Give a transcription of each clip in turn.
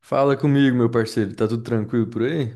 Fala comigo, meu parceiro. Tá tudo tranquilo por aí?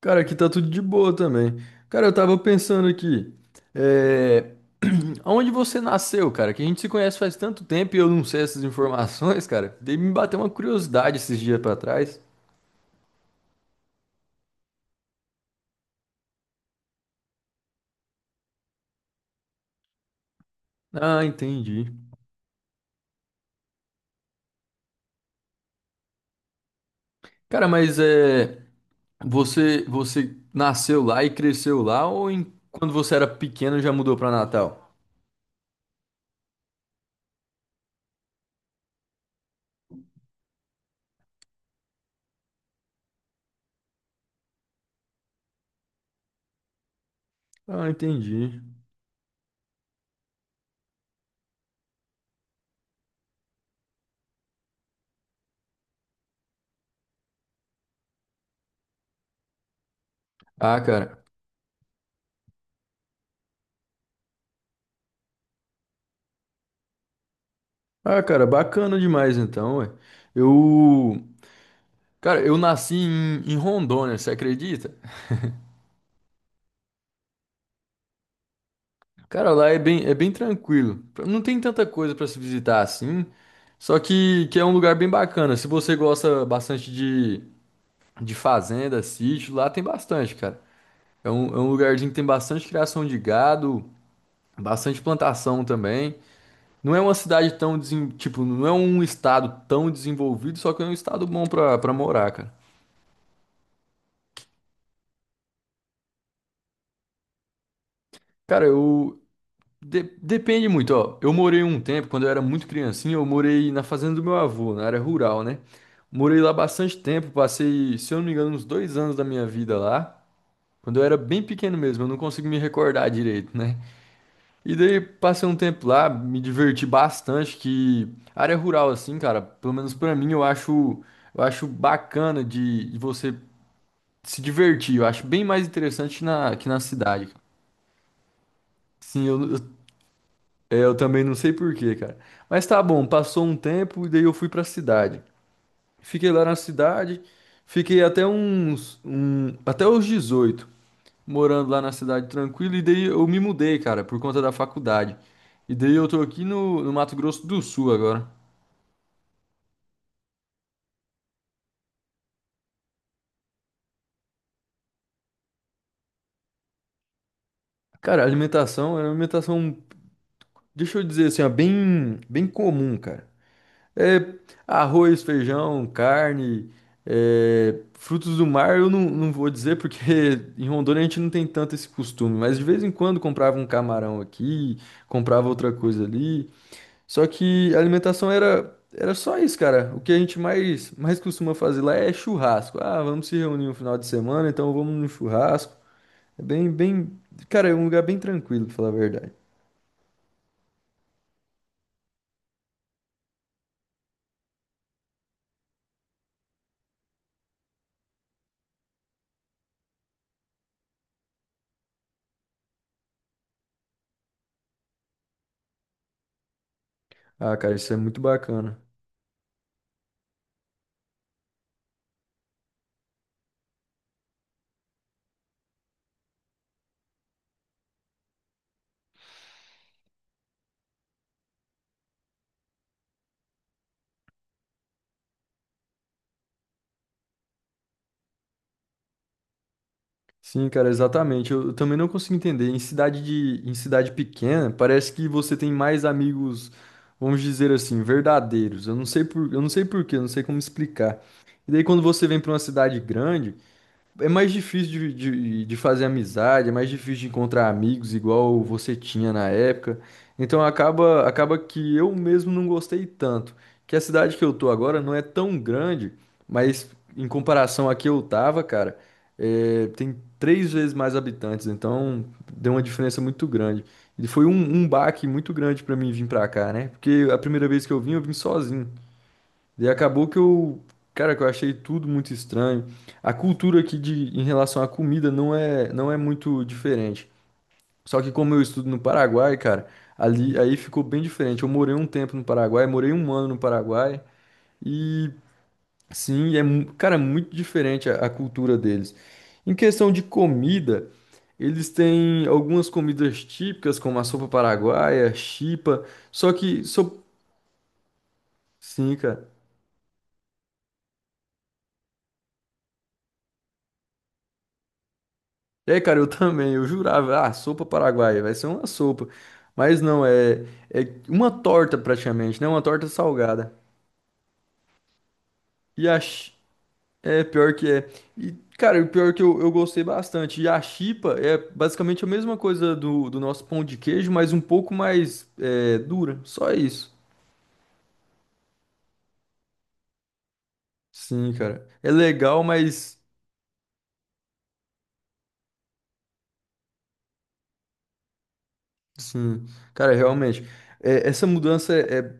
Cara, aqui tá tudo de boa também. Cara, eu tava pensando aqui. É... Onde você nasceu, cara? Que a gente se conhece faz tanto tempo e eu não sei essas informações, cara. Dei me bater uma curiosidade esses dias pra trás. Ah, entendi. Cara, mas é... você nasceu lá e cresceu lá ou quando você era pequeno já mudou pra Natal? Ah, entendi. Ah, cara. Ah, cara, bacana demais então, ué. Eu... Cara, eu nasci em Rondônia, você acredita? Cara, lá é bem tranquilo. Não tem tanta coisa pra se visitar assim, só que é um lugar bem bacana. Se você gosta bastante de fazenda, sítio, lá tem bastante, cara. É um lugarzinho que tem bastante criação de gado, bastante plantação também. Não é uma cidade tão, tipo, não é um estado tão desenvolvido, só que é um estado bom pra morar, cara. Cara, depende muito, ó. Eu morei um tempo, quando eu era muito criancinha, eu morei na fazenda do meu avô, na área rural, né? Morei lá bastante tempo, passei, se eu não me engano, uns 2 anos da minha vida lá. Quando eu era bem pequeno mesmo, eu não consigo me recordar direito, né? E daí passei um tempo lá, me diverti bastante, que área rural, assim, cara, pelo menos pra mim, eu acho bacana de você se divertir. Eu acho bem mais interessante na, que na cidade. Sim, Eu também não sei por quê, cara. Mas tá bom, passou um tempo e daí eu fui pra cidade. Fiquei lá na cidade, fiquei até até os 18, morando lá na cidade tranquilo, e daí eu me mudei, cara, por conta da faculdade. E daí eu tô aqui no Mato Grosso do Sul agora. Cara, a alimentação é uma alimentação, deixa eu dizer assim, ó, bem, bem comum, cara. É, arroz, feijão, carne, frutos do mar, eu não vou dizer porque em Rondônia a gente não tem tanto esse costume, mas de vez em quando comprava um camarão aqui, comprava outra coisa ali. Só que a alimentação era, era só isso, cara. O que a gente mais costuma fazer lá é churrasco. Ah, vamos se reunir no final de semana, então vamos no churrasco. É bem, bem, cara, é um lugar bem tranquilo, pra falar a verdade. Ah, cara, isso é muito bacana. Sim, cara, exatamente. Eu também não consigo entender. Em cidade pequena, parece que você tem mais amigos, vamos dizer assim, verdadeiros. Eu não sei por quê, eu não sei como explicar. E daí quando você vem para uma cidade grande, é mais difícil de fazer amizade, é mais difícil de encontrar amigos igual você tinha na época. Então acaba que eu mesmo não gostei tanto. Que a cidade que eu tô agora não é tão grande, mas em comparação a que eu tava, cara, tem 3 vezes mais habitantes, então deu uma diferença muito grande. E foi um baque muito grande pra mim vir pra cá, né? Porque a primeira vez que eu vim sozinho. E acabou cara, que eu achei tudo muito estranho. A cultura em relação à comida não é muito diferente. Só que como eu estudo no Paraguai, cara, ali aí ficou bem diferente. Eu morei um tempo no Paraguai, morei 1 ano no Paraguai e sim, cara, muito diferente a cultura deles. Em questão de comida, eles têm algumas comidas típicas como a sopa paraguaia, chipa, só que so, sim, cara. É, cara, eu também. Eu jurava, ah, sopa paraguaia, vai ser uma sopa. Mas não, é uma torta praticamente, né? Uma torta salgada. E a, chi- é pior que é. E, cara, o pior que eu gostei bastante. E a chipa é basicamente a mesma coisa do nosso pão de queijo, mas um pouco mais dura. Só isso. Sim, cara. É legal, mas. Sim, cara, realmente. É, essa mudança é,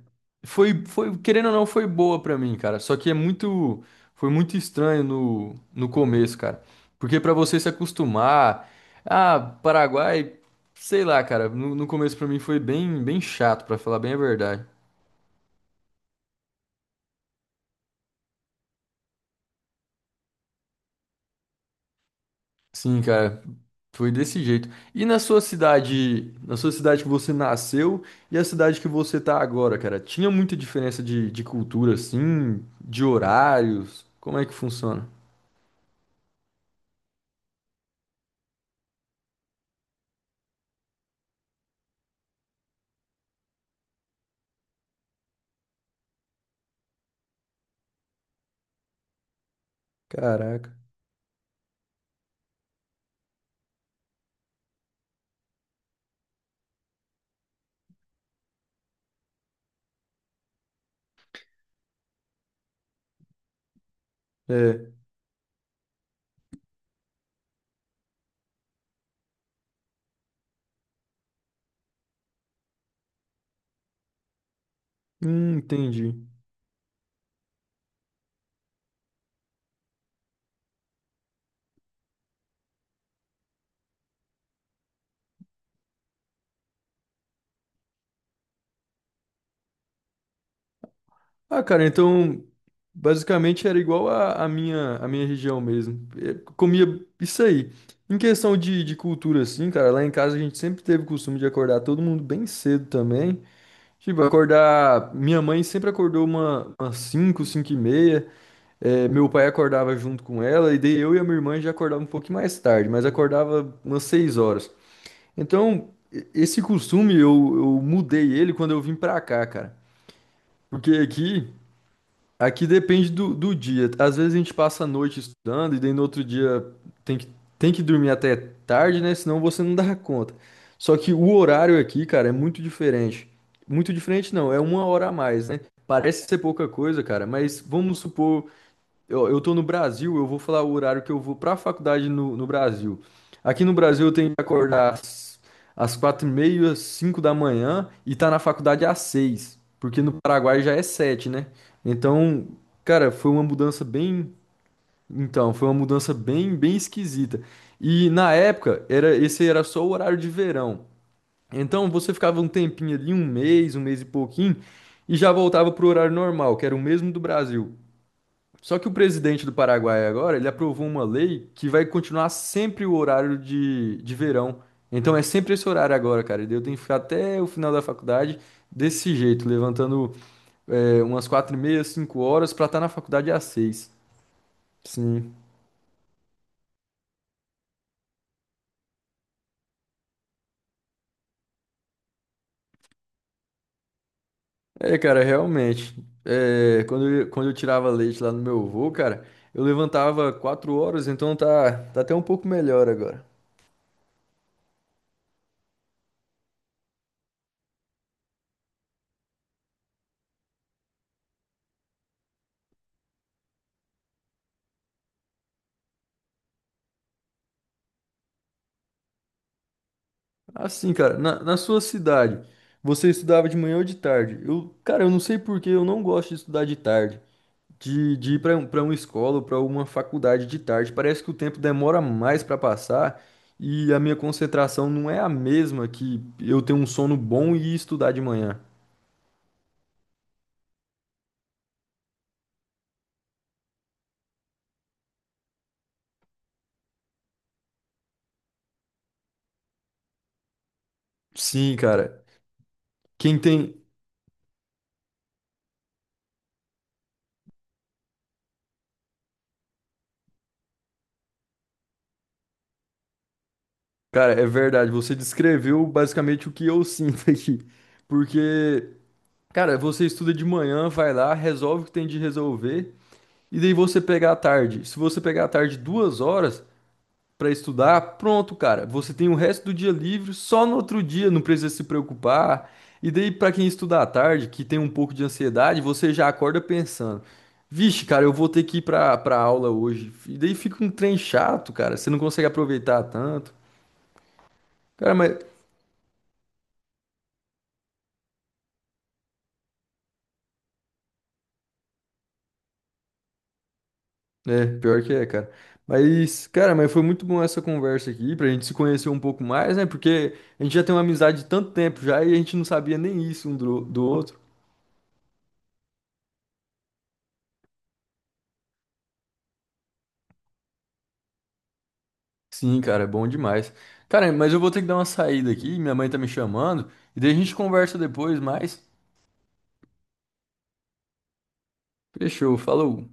foi, foi, querendo ou não, foi boa pra mim, cara. Só que foi muito estranho no começo, cara. Porque pra você se acostumar, ah, Paraguai, sei lá, cara, no começo pra mim foi bem, bem chato, pra falar bem a verdade. Sim, cara, foi desse jeito. E na sua cidade, que você nasceu e a cidade que você tá agora, cara, tinha muita diferença de cultura, assim, de horários? Como é que funciona? Caraca. É, entendi. Ah, cara, então basicamente era igual a minha região mesmo. É, comia isso aí. Em questão de cultura, assim, cara, lá em casa a gente sempre teve o costume de acordar todo mundo bem cedo também. Tipo, acordar. Minha mãe sempre acordou umas cinco e meia. É, meu pai acordava junto com ela, e daí eu e a minha irmã já acordava um pouquinho mais tarde, mas acordava umas 6 horas. Então, esse costume eu mudei ele quando eu vim pra cá, cara. Porque aqui, Aqui depende do dia. Às vezes a gente passa a noite estudando e daí no outro dia tem que, tem que dormir até tarde, né? Senão você não dá conta. Só que o horário aqui, cara, é muito diferente. Muito diferente não, é uma hora a mais, né? Parece ser pouca coisa, cara, mas vamos supor eu tô no Brasil, eu vou falar o horário que eu vou pra faculdade no Brasil. Aqui no Brasil eu tenho que acordar às 4h30, 5 da manhã e tá na faculdade às 6, porque no Paraguai já é 7, né? Então, cara, foi uma mudança bem, então, foi uma mudança bem, bem esquisita. E na época era só o horário de verão. Então você ficava um tempinho ali, um mês e pouquinho, e já voltava pro horário normal, que era o mesmo do Brasil. Só que o presidente do Paraguai agora, ele aprovou uma lei que vai continuar sempre o horário de verão. Então é sempre esse horário agora, cara. E eu tenho que ficar até o final da faculdade desse jeito, levantando umas 4h30, 5 horas pra estar na faculdade às seis. Sim. É, cara, realmente. É, quando eu tirava leite lá no meu avô, cara, eu levantava 4 horas, então tá, tá até um pouco melhor agora. Assim, cara, na sua cidade, você estudava de manhã ou de tarde? Eu, cara, eu não sei por que eu não gosto de estudar de tarde. De ir para uma escola ou para uma faculdade de tarde. Parece que o tempo demora mais para passar e a minha concentração não é a mesma que eu ter um sono bom e estudar de manhã. Sim, cara. Quem tem. Cara, é verdade. Você descreveu basicamente o que eu sinto aqui. Porque, cara, você estuda de manhã, vai lá, resolve o que tem de resolver. E daí você pegar à tarde. Se você pegar à tarde 2 horas para estudar, pronto, cara. Você tem o resto do dia livre, só no outro dia, não precisa se preocupar. E daí, para quem estuda à tarde, que tem um pouco de ansiedade, você já acorda pensando: vixe, cara, eu vou ter que ir pra aula hoje. E daí fica um trem chato, cara. Você não consegue aproveitar tanto. Cara, mas É, pior que é, cara. Mas, cara, mas foi muito bom essa conversa aqui, pra gente se conhecer um pouco mais, né? Porque a gente já tem uma amizade de tanto tempo já e a gente não sabia nem isso um do outro. Sim, cara, é bom demais. Cara, mas eu vou ter que dar uma saída aqui, minha mãe tá me chamando, e daí a gente conversa depois, mas fechou, falou.